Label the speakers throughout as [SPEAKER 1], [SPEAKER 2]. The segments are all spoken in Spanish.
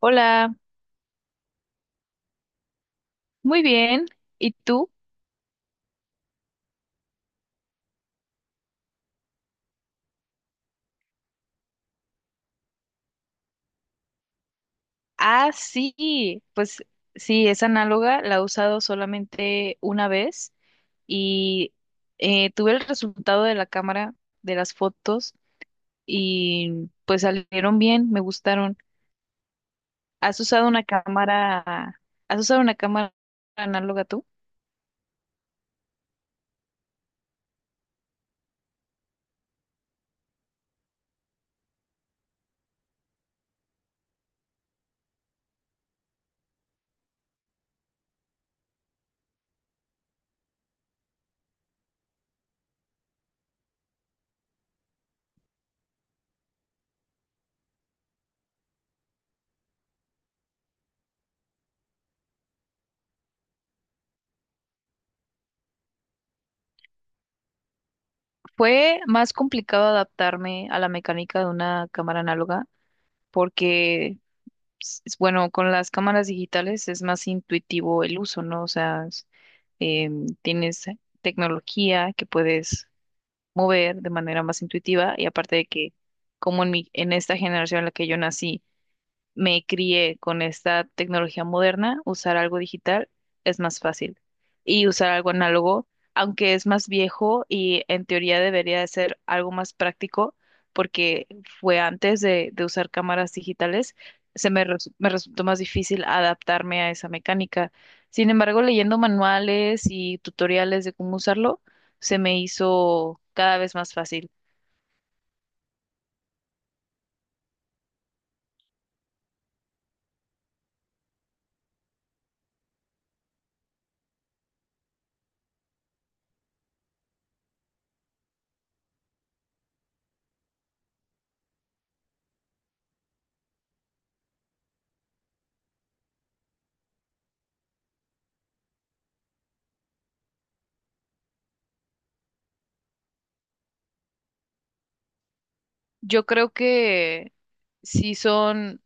[SPEAKER 1] Hola, muy bien. ¿Y tú? Ah, sí, pues sí, es análoga, la he usado solamente una vez y tuve el resultado de la cámara, de las fotos y pues salieron bien, me gustaron. ¿Has usado una cámara, has usado una cámara análoga tú? Fue más complicado adaptarme a la mecánica de una cámara análoga porque Bueno, con las cámaras digitales es más intuitivo el uso, ¿no? O sea, tienes tecnología que puedes mover de manera más intuitiva y aparte de que, como en mi, en esta generación en la que yo nací, me crié con esta tecnología moderna, usar algo digital es más fácil. Y usar algo análogo, aunque es más viejo y en teoría debería de ser algo más práctico, porque fue antes de usar cámaras digitales, me resultó más difícil adaptarme a esa mecánica. Sin embargo, leyendo manuales y tutoriales de cómo usarlo, se me hizo cada vez más fácil. Yo creo que sí son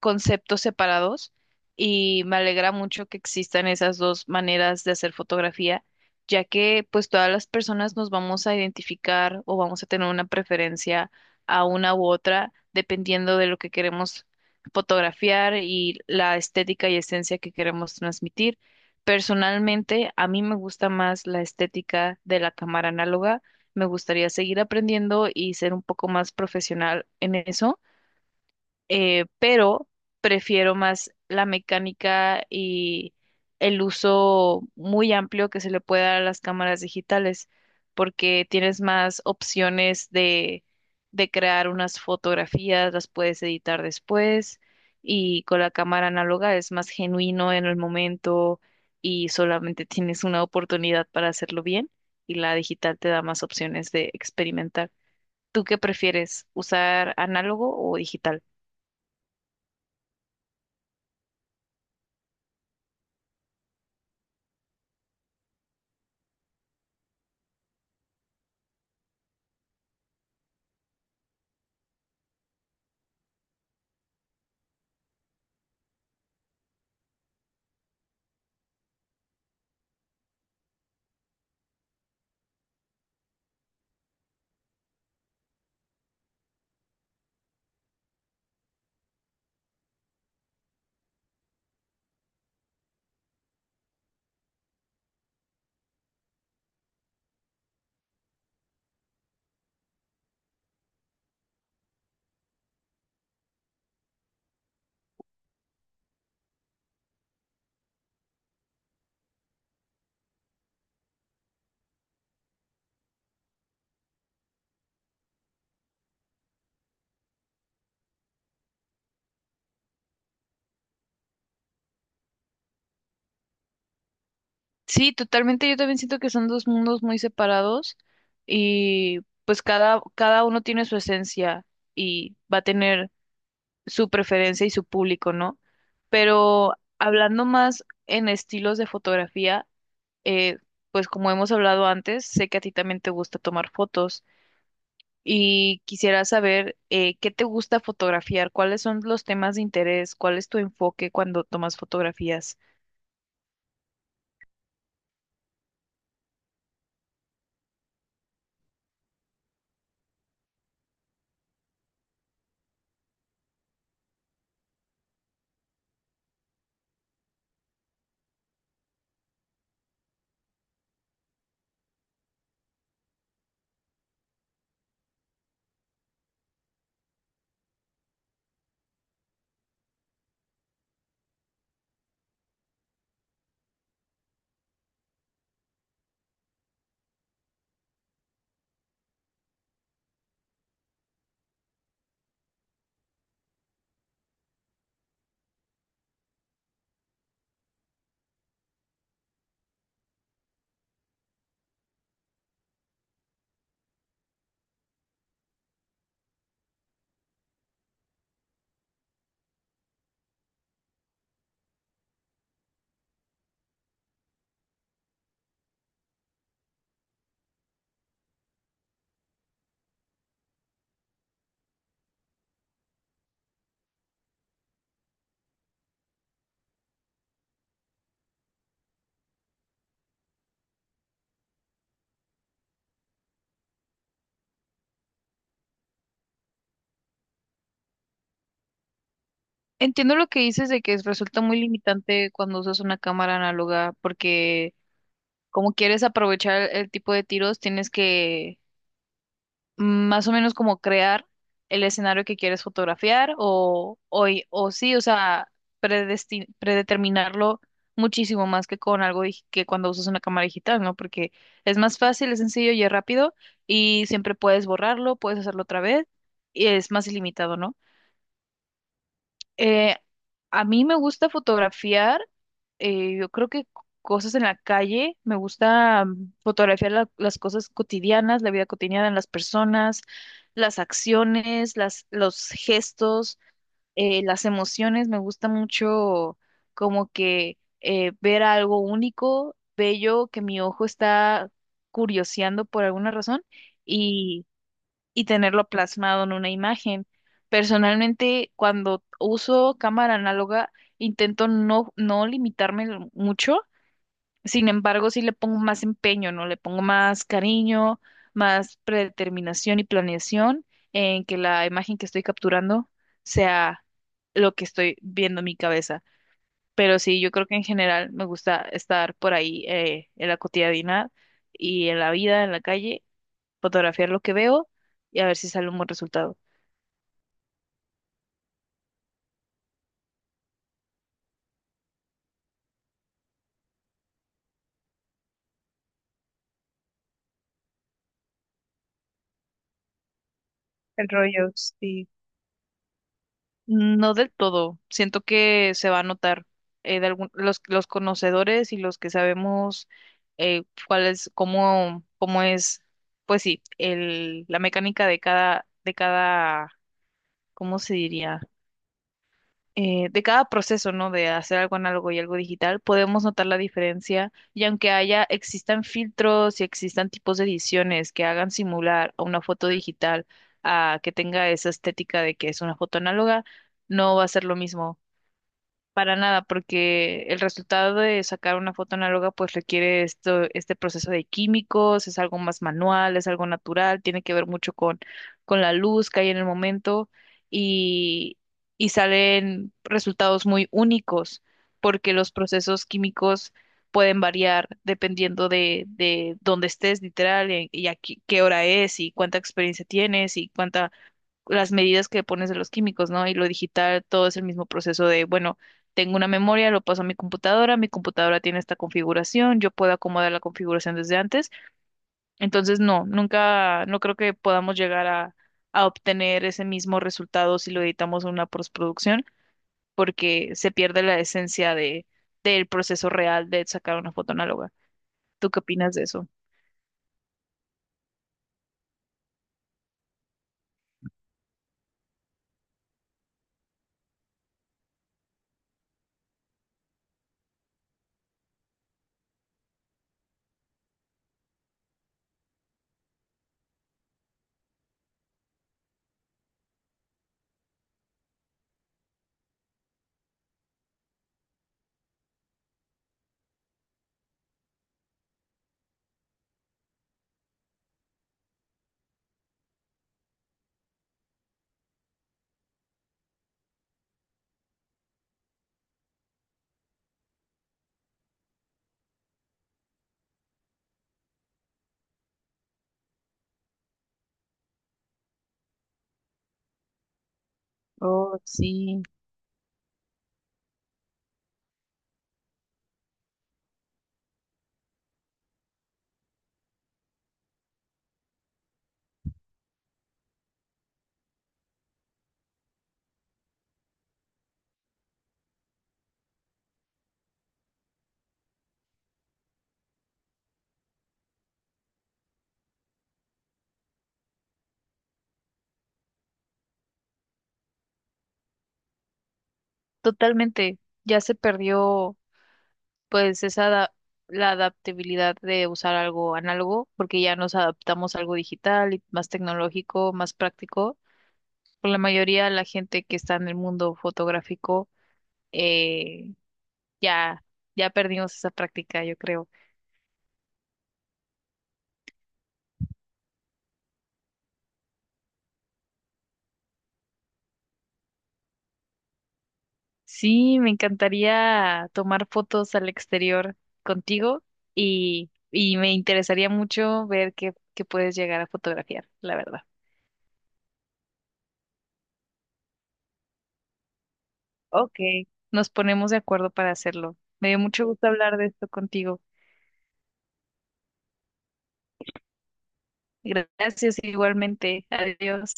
[SPEAKER 1] conceptos separados y me alegra mucho que existan esas dos maneras de hacer fotografía, ya que pues todas las personas nos vamos a identificar o vamos a tener una preferencia a una u otra dependiendo de lo que queremos fotografiar y la estética y esencia que queremos transmitir. Personalmente, a mí me gusta más la estética de la cámara análoga. Me gustaría seguir aprendiendo y ser un poco más profesional en eso, pero prefiero más la mecánica y el uso muy amplio que se le puede dar a las cámaras digitales, porque tienes más opciones de crear unas fotografías, las puedes editar después, y con la cámara análoga es más genuino en el momento y solamente tienes una oportunidad para hacerlo bien, y la digital te da más opciones de experimentar. ¿Tú qué prefieres, usar análogo o digital? Sí, totalmente. Yo también siento que son dos mundos muy separados y pues cada uno tiene su esencia y va a tener su preferencia y su público, ¿no? Pero hablando más en estilos de fotografía, eh, pues como hemos hablado antes, sé que a ti también te gusta tomar fotos y quisiera saber qué te gusta fotografiar, cuáles son los temas de interés, cuál es tu enfoque cuando tomas fotografías. Entiendo lo que dices de que resulta muy limitante cuando usas una cámara análoga, porque como quieres aprovechar el tipo de tiros, tienes que más o menos como crear el escenario que quieres fotografiar o, y- o sí, o sea, predeterminarlo muchísimo más que con que cuando usas una cámara digital, ¿no? Porque es más fácil, es sencillo y es rápido y siempre puedes borrarlo, puedes hacerlo otra vez y es más ilimitado, ¿no? Eh, a mí me gusta fotografiar, yo creo que cosas en la calle, me gusta fotografiar las cosas cotidianas, la vida cotidiana de las personas, las acciones, los gestos, las emociones, me gusta mucho como que ver algo único, bello, que mi ojo está curioseando por alguna razón y tenerlo plasmado en una imagen. Personalmente, cuando uso cámara análoga, intento no limitarme mucho, sin embargo, sí le pongo más empeño, ¿no? Le pongo más cariño, más predeterminación y planeación en que la imagen que estoy capturando sea lo que estoy viendo en mi cabeza. Pero sí, yo creo que en general me gusta estar por ahí en la cotidianidad y en la vida, en la calle, fotografiar lo que veo y a ver si sale un buen resultado. El rollo, sí. No del todo. Siento que se va a notar los conocedores y los que sabemos cuál es, cómo, cómo es, pues sí, el, la mecánica de cada, ¿cómo se diría? De cada proceso, ¿no? De hacer algo análogo y algo digital, podemos notar la diferencia y aunque haya, existan filtros y existan tipos de ediciones que hagan simular a una foto digital a que tenga esa estética de que es una foto análoga, no va a ser lo mismo. Para nada, porque el resultado de sacar una foto análoga pues requiere esto, este proceso de químicos, es algo más manual, es algo natural, tiene que ver mucho con la luz que hay en el momento y, y salen resultados muy únicos porque los procesos químicos pueden variar dependiendo de dónde estés literal y a qué qué hora es y cuánta experiencia tienes y cuánta, las medidas que pones de los químicos, ¿no? Y lo digital, todo es el mismo proceso de, bueno, tengo una memoria, lo paso a mi computadora tiene esta configuración, yo puedo acomodar la configuración desde antes. Entonces, no, nunca, no creo que podamos llegar a obtener ese mismo resultado si lo editamos en una postproducción, porque se pierde la esencia de, del proceso real de sacar una foto análoga. ¿Tú qué opinas de eso? Oh, sí, totalmente. Ya se perdió pues esa la adaptabilidad de usar algo análogo, porque ya nos adaptamos a algo digital y más tecnológico, más práctico. Por la mayoría de la gente que está en el mundo fotográfico, eh, ya, ya perdimos esa práctica, yo creo. Sí, me encantaría tomar fotos al exterior contigo y me interesaría mucho ver qué, qué puedes llegar a fotografiar, la verdad. Ok, nos ponemos de acuerdo para hacerlo. Me dio mucho gusto hablar de esto contigo. Gracias igualmente. Adiós.